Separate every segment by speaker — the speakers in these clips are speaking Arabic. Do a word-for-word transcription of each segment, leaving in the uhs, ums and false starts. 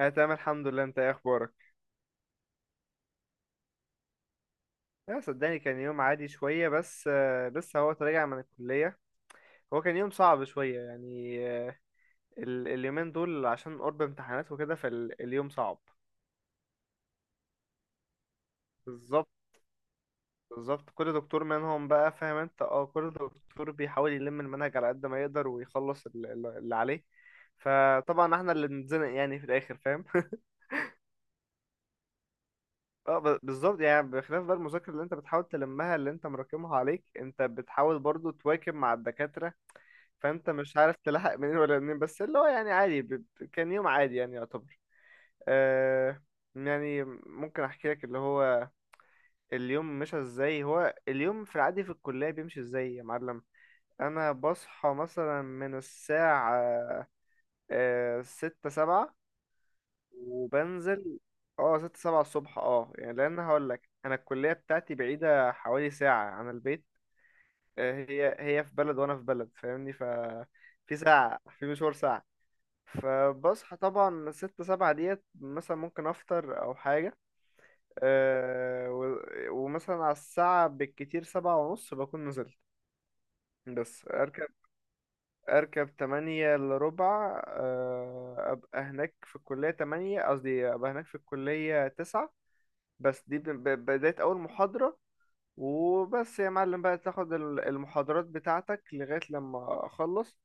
Speaker 1: انا تمام الحمد لله. انت ايه اخبارك؟ لا، صدقني كان يوم عادي شويه بس، آه، لسه هو راجع من الكليه. هو كان يوم صعب شويه يعني آه، ال- اليومين دول عشان قرب امتحانات وكده، فاليوم صعب. بالظبط. بالظبط، كل دكتور منهم بقى فاهم انت، اه كل دكتور بيحاول يلم المنهج على قد ما يقدر ويخلص ال- ال- اللي عليه. فطبعا احنا اللي بنتزنق يعني في الاخر، فاهم؟ اه ب- بالظبط، يعني بخلاف بقى المذاكرة اللي انت بتحاول تلمها اللي انت مراكمها عليك، انت بتحاول برضو تواكب مع الدكاترة. فانت مش عارف تلحق منين ولا منين، بس اللي هو يعني عادي ب... ب- كان يوم عادي يعني يعتبر. آه يعني ممكن احكي لك اللي هو اليوم مشى ازاي. هو اليوم في العادي في الكلية بيمشي ازاي يا معلم؟ انا بصحى مثلا من الساعة آه ستة سبعة، وبنزل. اه ستة سبعة الصبح، اه يعني، لان هقول لك انا الكلية بتاعتي بعيدة حوالي ساعة عن البيت. آه هي هي في بلد وانا في بلد، فاهمني ف في ساعة، في مشوار ساعة. فبصحى طبعا ستة سبعة ديت، مثلا ممكن أفطر أو حاجة. أه و- ومثلا على الساعة بالكتير سبعة ونص بكون نزلت. بس أركب. أركب تمانية إلا ربع، أه أبقى هناك في الكلية تمانية، قصدي أبقى هناك في الكلية تسعة. بس دي ب- ب- بداية أول محاضرة. وبس يا معلم بقى تاخد ال- المحاضرات بتاعتك لغاية لما أخلص.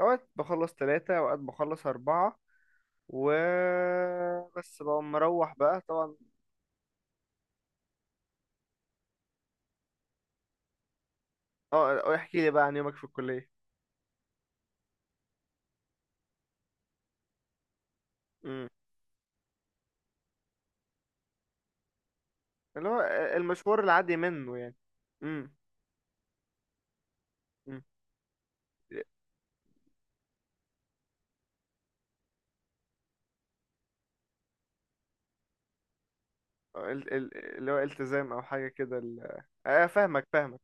Speaker 1: أوقات بخلص تلاتة، أوقات بخلص أربعة. وبس بقى مروح بقى طبعا. اه، آه، احكي لي بقى عن يومك في الكلية. امم اللي هو المشوار العادي منه يعني. امم امم ال- ال- اللي هو التزام او حاجة كده ال- اه، آه، فاهمك فاهمك.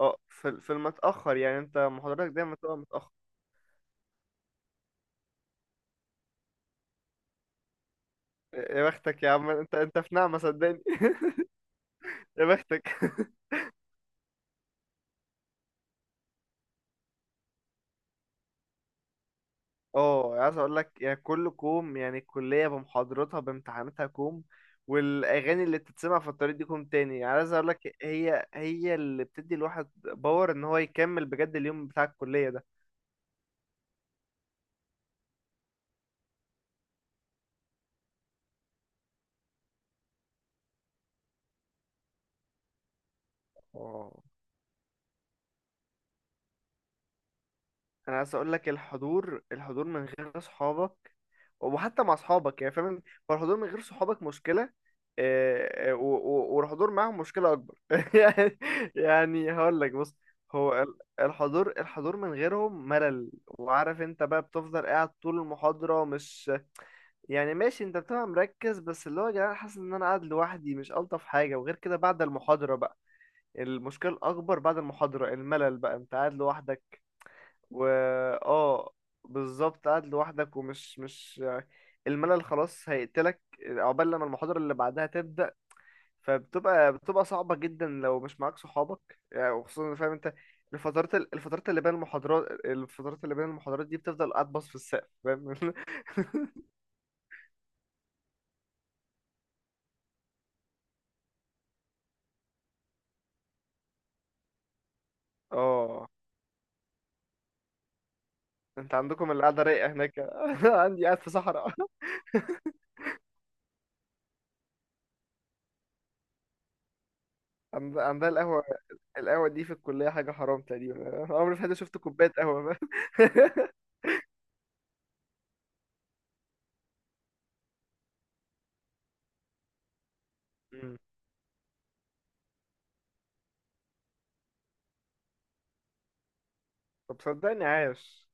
Speaker 1: اه، في ال- في المتأخر يعني، انت محاضراتك دايما تبقى متأخر. يا بختك يا عم، انت انت في نعمة صدقني. يا بختك. اه، عايز اقول لك يعني كل كوم، يعني الكليه بمحاضراتها بامتحاناتها كوم. والاغاني اللي بتتسمع في الطريق دي كوم تاني، يعني عايز اقول لك هي هي اللي بتدي الواحد باور ان هو يكمل بجد اليوم بتاع الكليه ده. اه، انا عايز اقول لك الحضور، الحضور من غير اصحابك. وحتى مع اصحابك يعني، فاهم؟ هو الحضور من غير صحابك مشكله. آه، آه، و- و- والحضور معاهم مشكله اكبر يعني. يعني هقول لك، بص. هو ال- الحضور الحضور من غيرهم ملل، وعارف انت بقى بتفضل قاعد طول المحاضره مش. يعني ماشي، انت بتبقى مركز، بس اللي هو يا جدعان حاسس ان انا قاعد لوحدي مش الطف حاجه. وغير كده بعد المحاضره بقى، المشكله الاكبر بعد المحاضره الملل بقى، انت قاعد لوحدك و اه، بالظبط قاعد لوحدك ومش مش الملل خلاص هيقتلك عقبال لما المحاضرة اللي بعدها تبدأ. فبتبقى بتبقى صعبة جدا لو مش معاك صحابك يعني، وخصوصا فاهم انت، الفترات الفترات اللي بين المحاضرات الفترات اللي بين المحاضرات دي بتفضل قاعد باص في السقف، فاهم؟ اه، انت عندكم القعدة رايقة هناك. عندي قاعد في صحراء. عند- عندها القهوة. القهوة دي في الكلية حاجة حرام تقريبا. عمري في حياتي شفت كوباية قهوة. فاهم؟ مم. طب، صدقني عاش.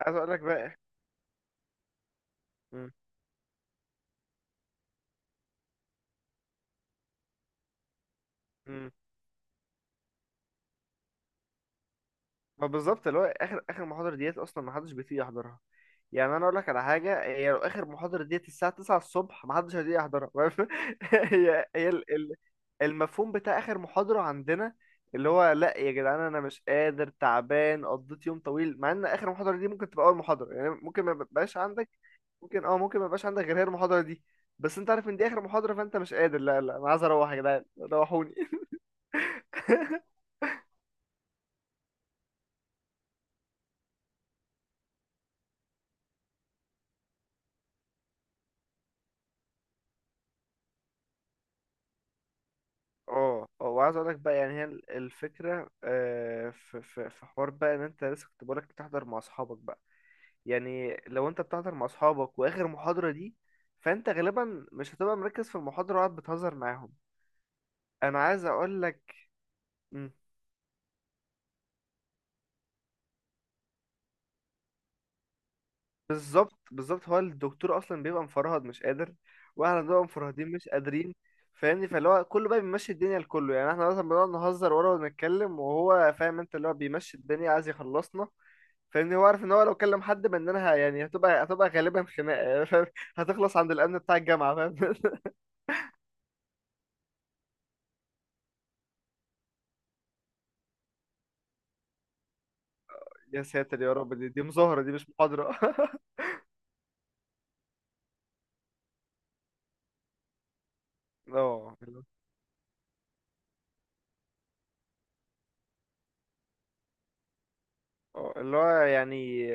Speaker 1: عايز اقول لك بقى. مم. مم. ما بالظبط، اللي هو اخر اخر محاضره ديت اصلا ما حدش بيطيق يحضرها. يعني انا اقول لك على حاجه، هي لو اخر محاضره ديت الساعه تسعة الصبح ما حدش هيطيق يحضرها، واقف؟ هي هي ال- ال- المفهوم بتاع اخر محاضره عندنا، اللي هو، لا يا جدعان انا مش قادر، تعبان، قضيت يوم طويل، مع ان اخر محاضره دي ممكن تبقى اول محاضره، يعني ممكن ما يبقاش عندك. ممكن، اه ممكن ما يبقاش عندك غير هي المحاضره دي. بس انت عارف ان دي اخر محاضره فانت مش قادر، لا لا انا عايز اروح يا جدعان. روحوني! اه اه، وعايز اقول لك بقى، يعني هي ال- الفكره، آه، في في في حوار بقى ان انت لسه كنت بقولك بتحضر مع اصحابك بقى. يعني لو انت بتحضر مع اصحابك واخر محاضره دي، فانت غالبا مش هتبقى مركز في المحاضره وقاعد بتهزر معاهم. انا عايز اقول لك. بالظبط بالظبط، هو الدكتور اصلا بيبقى مفرهد مش قادر. واحنا بنبقى مفرهدين مش قادرين. فاهمني، فاللي هو كله بقى بيمشي الدنيا لكله، يعني احنا مثلا بنقعد نهزر ورا ونتكلم، وهو فاهم انت اللي هو بيمشي الدنيا عايز يخلصنا. فاهمني، هو عارف ان هو لو كلم حد مننا ه- يعني هتبقى هتبقى غالبا خناقه يعني، فاهم؟ هتخلص عند الامن بتاع الجامعه، فاهم؟ يا ساتر يا رب، دي دي مظاهره دي مش محاضره. اه، اللي هو، آه، اللي هو يعني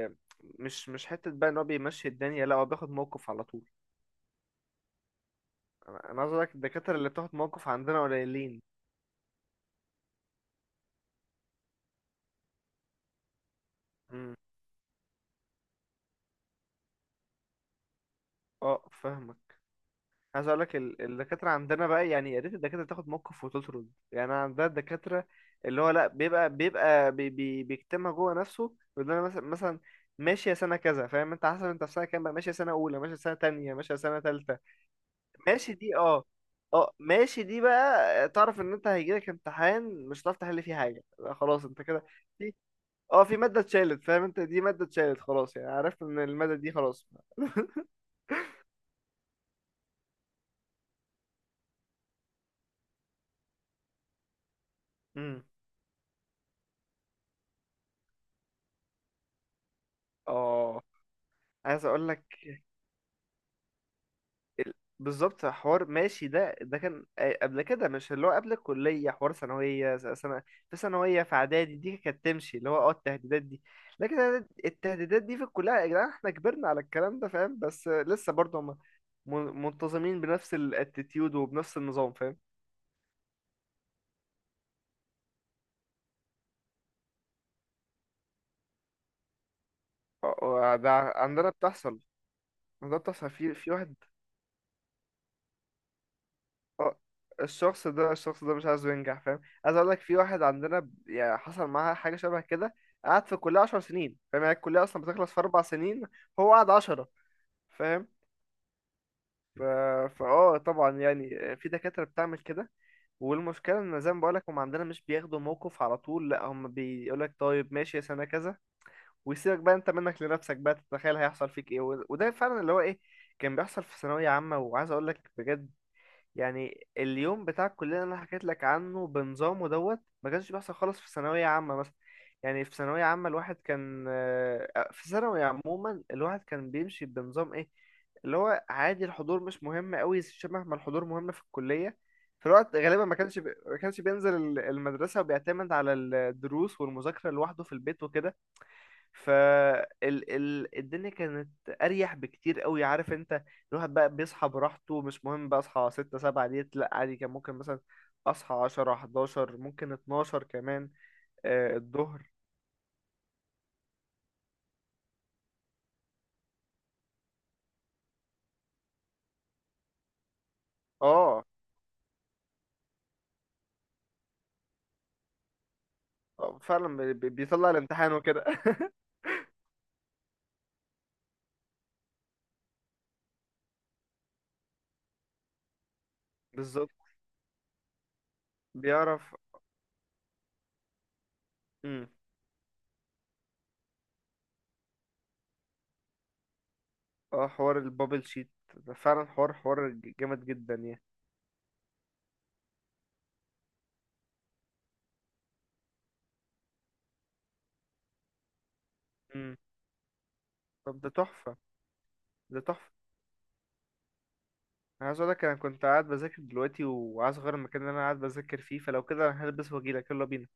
Speaker 1: مش مش حته بقى ان هو بيمشي الدنيا، لا هو بياخد موقف على طول. انا أنا عايز اقول لك الدكاتره اللي بتاخد موقف عندنا قليلين. امم اه، فاهمك. عايز اقول لك، ال- الدكاتره عندنا بقى، يعني يا ريت الدكاتره تاخد موقف وتطرد يعني عندنا الدكاتره. اللي هو لا بيبقى بيبقى بي بي بيكتمها جوه نفسه، بيقول لنا مثلا مثلا ماشيه سنه كذا، فاهم انت، حسب انت في سنه كام بقى، ماشيه سنه اولى، ماشيه سنه تانية، ماشيه سنه تالتة. ماشي دي، اه. اه، ماشي دي بقى تعرف ان انت هيجيلك امتحان مش هتعرف تحل فيه حاجه، لا خلاص انت كده. في اه في ماده اتشالت، فاهم انت دي ماده اتشالت خلاص، يعني عرفت ان الماده دي خلاص. امم. اه، عايز اقول لك ال- بالظبط، حوار ماشي ده ده كان قبل كده، مش اللي هو قبل الكلية حوار ثانوية، س- سنة. في ثانوية في إعدادي دي كانت تمشي اللي هو اه التهديدات دي. لكن أنا التهديدات دي في الكلية يا جدعان احنا كبرنا على الكلام ده فاهم، بس لسه برضه هم م- منتظمين بنفس الاتيتيود وبنفس النظام، فاهم؟ اه، آه، ده عندنا بتحصل عندنا بتحصل في في واحد. اه، الشخص ده الشخص ده مش عايزه ينجح، فاهم؟ عايز اقول لك في واحد عندنا ب- يعني حصل معاه حاجه شبه كده، قعد في الكليه 10 سنين، فاهم؟ يعني الكليه اصلا بتخلص في اربع سنين. هو قعد عشرة، فاهم. ف... فاه طبعا يعني في دكاتره بتعمل كده. والمشكله ان زي ما بقول لك، هم عندنا مش بياخدوا موقف على طول، لا هم بيقول لك طيب ماشي يا سنه كذا. ويسيبك بقى انت منك لنفسك بقى تتخيل هيحصل فيك ايه، و- وده فعلا اللي هو ايه كان بيحصل في ثانويه عامه. وعايز اقول لك بجد، يعني اليوم بتاع الكلية اللي انا حكيت لك عنه بنظامه دوت ما كانش بيحصل خالص في ثانوية عامة مثلا. يعني في ثانوية عامة الواحد كان، آه، في ثانوي عموما الواحد كان بيمشي بنظام ايه، اللي هو عادي، الحضور مش مهم قوي شبه ما الحضور مهم في الكلية. في الوقت غالبا ما كانش بي... ما كانش بينزل ال- المدرسة، وبيعتمد على الدروس والمذاكرة لوحده في البيت وكده. فالدنيا كانت اريح بكتير قوي، عارف انت. الواحد بقى بيصحى براحته، مش مهم بقى اصحى ستة سبعة ديت، لا عادي كان ممكن مثلا اصحى عشرة حداشر، ممكن اتناشر كمان. آه، الظهر. اه، آه، فعلا بي- بي- بيطلع الامتحان وكده. بالظبط بيعرف. امم. اه، حوار البابل شيت ده فعلا حوار حوار جامد جدا يعني. امم. طب، ده تحفة. ده تحفة. انا عايز اقولك، انا كنت قاعد بذاكر دلوقتي وعايز اغير المكان اللي انا قاعد بذاكر فيه، فلو كده انا هلبس واجيلك. يلا بينا.